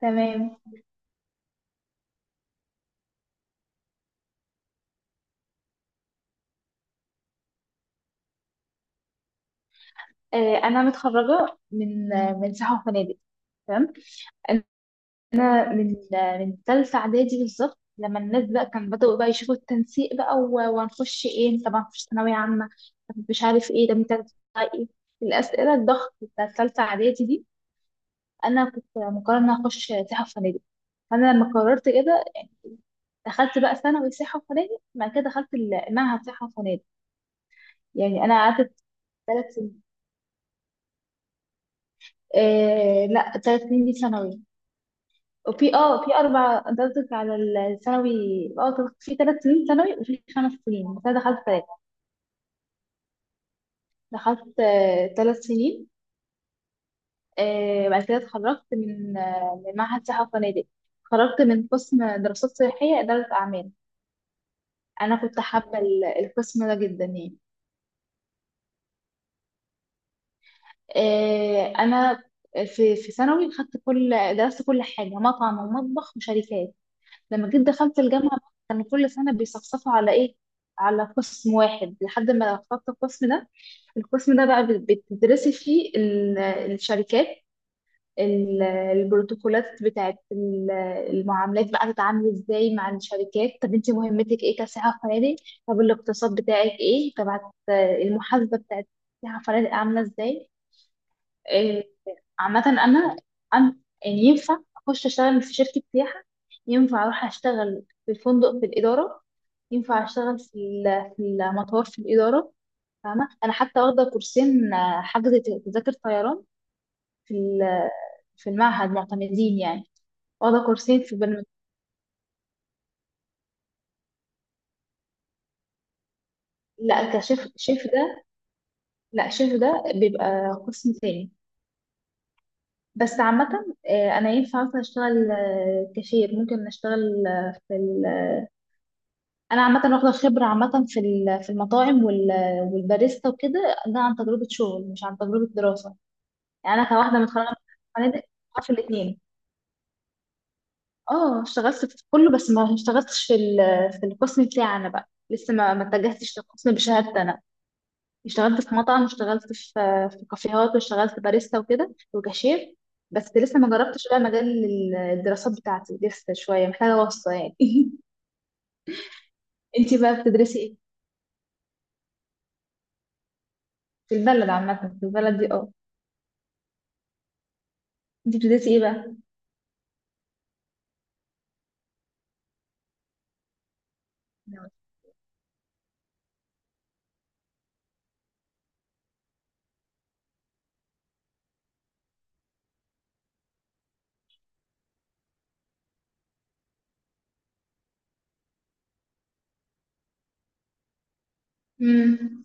تمام. انا متخرجه من من سياحه وفنادق. تمام. انا من من ثالثه اعدادي بالظبط، لما الناس بقى كان بدأوا بقى يشوفوا التنسيق بقى وهنخش ايه؟ طب هنخش ثانويه عامه؟ طب مش عارف ايه؟ طب انت هتطلع ايه؟ الاسئله الضغط بتاع ثالثه اعدادي دي. انا كنت مقرره ان أنا اخش سياحه وفنادق. فانا لما قررت كده، دخلت بقى ثانوي سياحة وفنادق، بعد كده دخلت المعهد سياحة وفنادق. يعني أنا قعدت 3 سنين. لا، 3 سنين دي ثانوي. وفي في اربع، انت قصدك على الثانوي؟ اه في 3 سنين ثانوي وفي 5 سنين، بس انا دخلت ثلاث. دخلت 3 سنين. بعد كده اتخرجت من من معهد سياحة وفنادق، اتخرجت من قسم دراسات سياحية إدارة أعمال. أنا كنت حابة القسم ده جدا يعني. أنا في ثانوي خدت كل درست كل حاجة، مطعم ومطبخ وشركات. لما جيت دخلت الجامعة بقى، كان كل سنة بيصفصفوا على إيه؟ على قسم واحد لحد ما اخترت القسم ده. القسم ده بقى بتدرسي فيه الشركات، ال- البروتوكولات بتاعت المعاملات، بقى تتعاملي ازاي مع الشركات. طب انت مهمتك ايه كسائحة فنادق؟ طب الاقتصاد بتاعك ايه؟ طب المحاسبة بتاعت سائحة فنادق عاملة ازاي؟ عامة أنا يعني ينفع أخش أشتغل في شركة سياحة، ينفع أروح أشتغل في الفندق في الإدارة، ينفع أشتغل في المطار في الإدارة. فاهمة؟ أنا حتى واخدة كورسين، حجز تذاكر طيران في ال- في المعهد، معتمدين يعني. واخدة كورسين في برنامج. لا، شيف ده، لا، شيف ده بيبقى قسم تاني. بس عامة أنا ينفع مثلا أشتغل كاشير، ممكن أشتغل في ال. انا عامه واخده خبره عامه في المطاعم والباريستا وكده. ده عن تجربه شغل مش عن تجربه دراسه. يعني انا كواحده متخرجه من فنادق، في الاثنين اه اشتغلت في كله، بس ما اشتغلتش في القسم بتاعنا بقى، لسه ما اتجهتش للقسم بشهادتي انا. اشتغلت في مطعم، واشتغلت في كافيهات، واشتغلت باريستا وكده وكاشير. بس لسه ما جربتش بقى مجال الدراسات بتاعتي، لسه شويه محتاجه واسطه يعني انتي بقى بتدرسي ايه؟ في البلد عامه، في البلد دي اه. انتي بتدرسي ايه بقى؟ امم.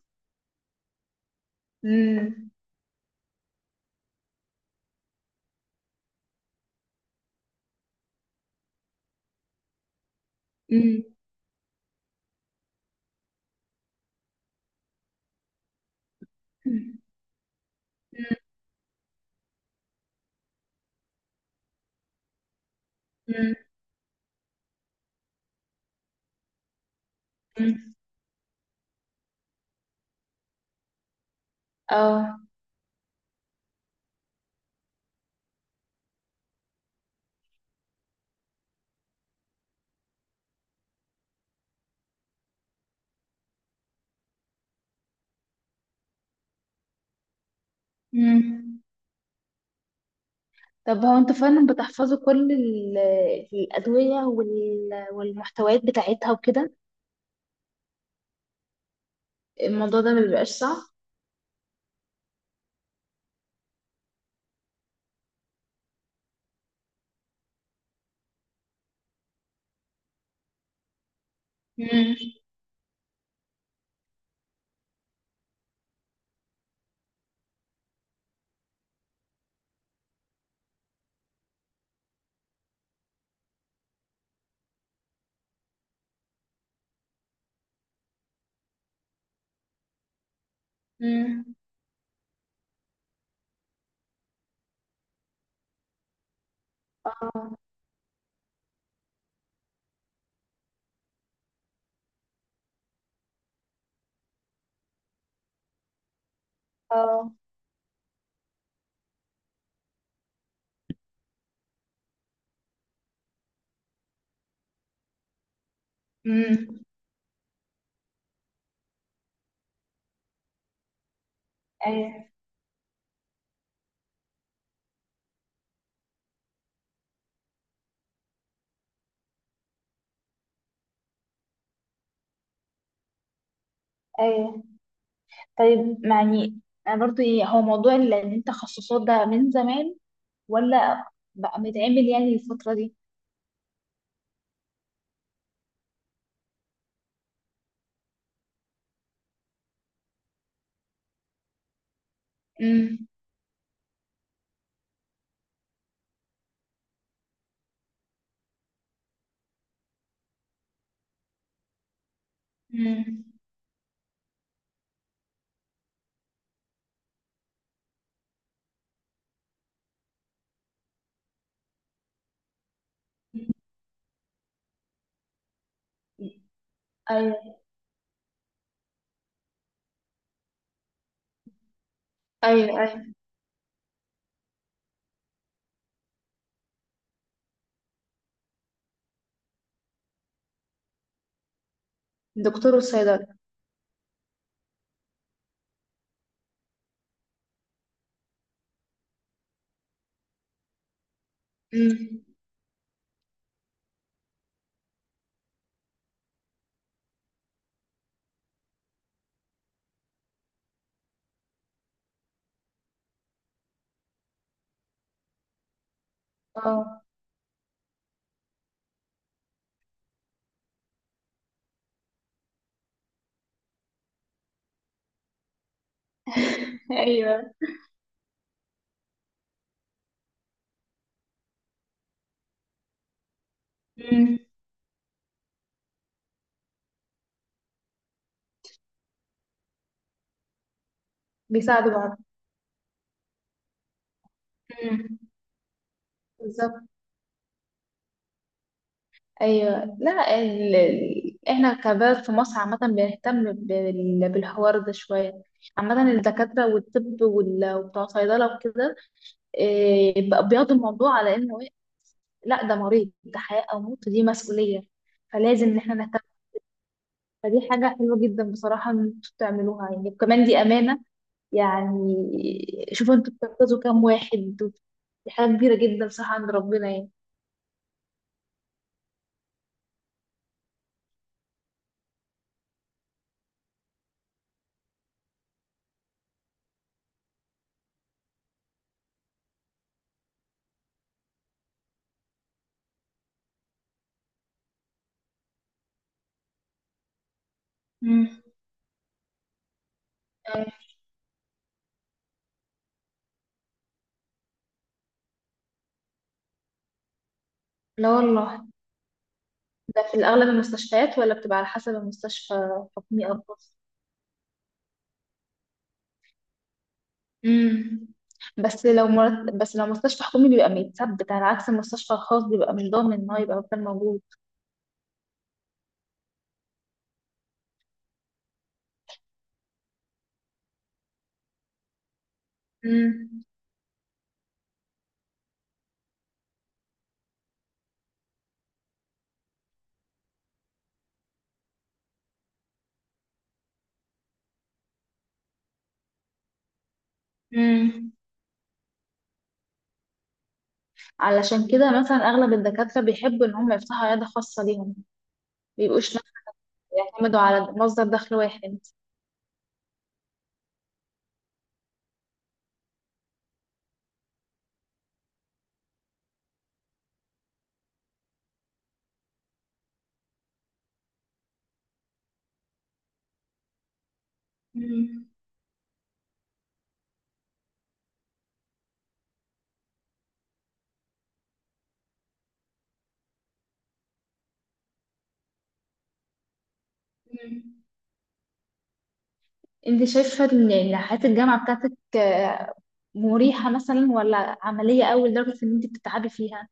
امم. امم. امم. اه. امم. طب هو انت فعلا بتحفظوا كل الأدوية والمحتويات بتاعتها وكده؟ الموضوع ده ما بيبقاش صعب؟ امم. امم. اه. اه. امم. ايوه. ايوه. طيب يعني، انا برضو ايه، هو موضوع ان انت تخصصات ده من زمان ولا بقى متعمل يعني الفترة دي؟ امم. امم. ايوه. ايوه. ايوه، الدكتور والصيدلة. امم. اه. ايوه. امم. بيساعدوا بعض. امم. بالظبط. ايوه. لا، احنا كبلد في مصر عامة بنهتم بالحوار ده شوية. عامة الدكاترة والطب وبتوع صيدلة وكده بقى بياخدوا الموضوع على انه لا، ده مريض، ده حياة او موت، دي مسؤولية، فلازم ان احنا نهتم. فدي حاجة حلوة جدا بصراحة ان انتوا تعملوها، يعني وكمان دي أمانة يعني. شوفوا انتوا بتنقذوا كام واحد، دي حاجة كبيرة جدا صح عند ربنا يعني. امم. أيوة. لا والله. ده في الأغلب المستشفيات ولا بتبقى على حسب المستشفى، حكومي أو خاص؟ امم. بس لو مستشفى حكومي بيبقى متثبت، على عكس المستشفى الخاص بيبقى مش ضامن إن هو يبقى مكان موجود. امم. امم. علشان كده مثلا أغلب الدكاترة بيحبوا إن هم يفتحوا عيادة خاصة ليهم، مبيبقوش مثلا يعتمدوا على مصدر دخل واحد. أمم. انت شايفة ان حياة الجامعة بتاعتك مريحة مثلا، ولا عملية أوي لدرجة ان انت بتتعبي فيها؟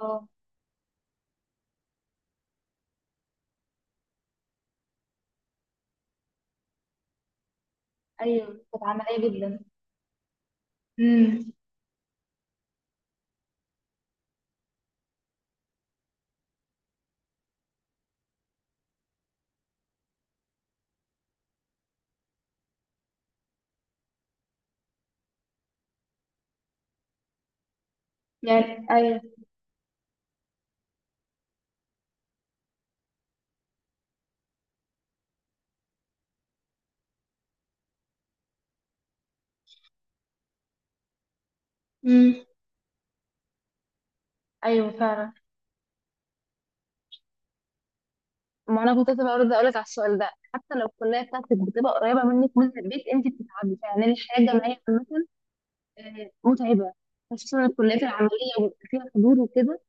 اه. ايوه، كانت عمليه جدا. امم. يعني ايوه. امم. ايوه فعلا. ما انا كنت لسه برضه اقول لك على السؤال ده، حتى لو الكليه بتاعتك بتبقى قريبه منك من البيت انت بتتعبي. يعني الحياه الجامعيه عامه متعبه، خصوصا الكليات العمليه وبيبقى فيها حضور وكده.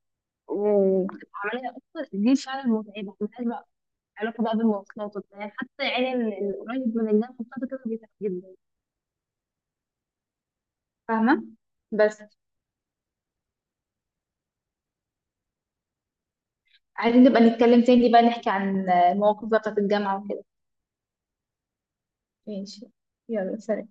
بتبقى عمليه اكتر، دي فعلا متعبه علاقة بقى بالمواصلات وبتاع. يعني حتى يعني القريب من الناس مبسوطة كده بيتعب جدا. فاهمة؟ بس عايزين نبقى نتكلم تاني بقى، نحكي عن المواقف بقى بتاعت الجامعة وكده. ماشي. يلا سلام.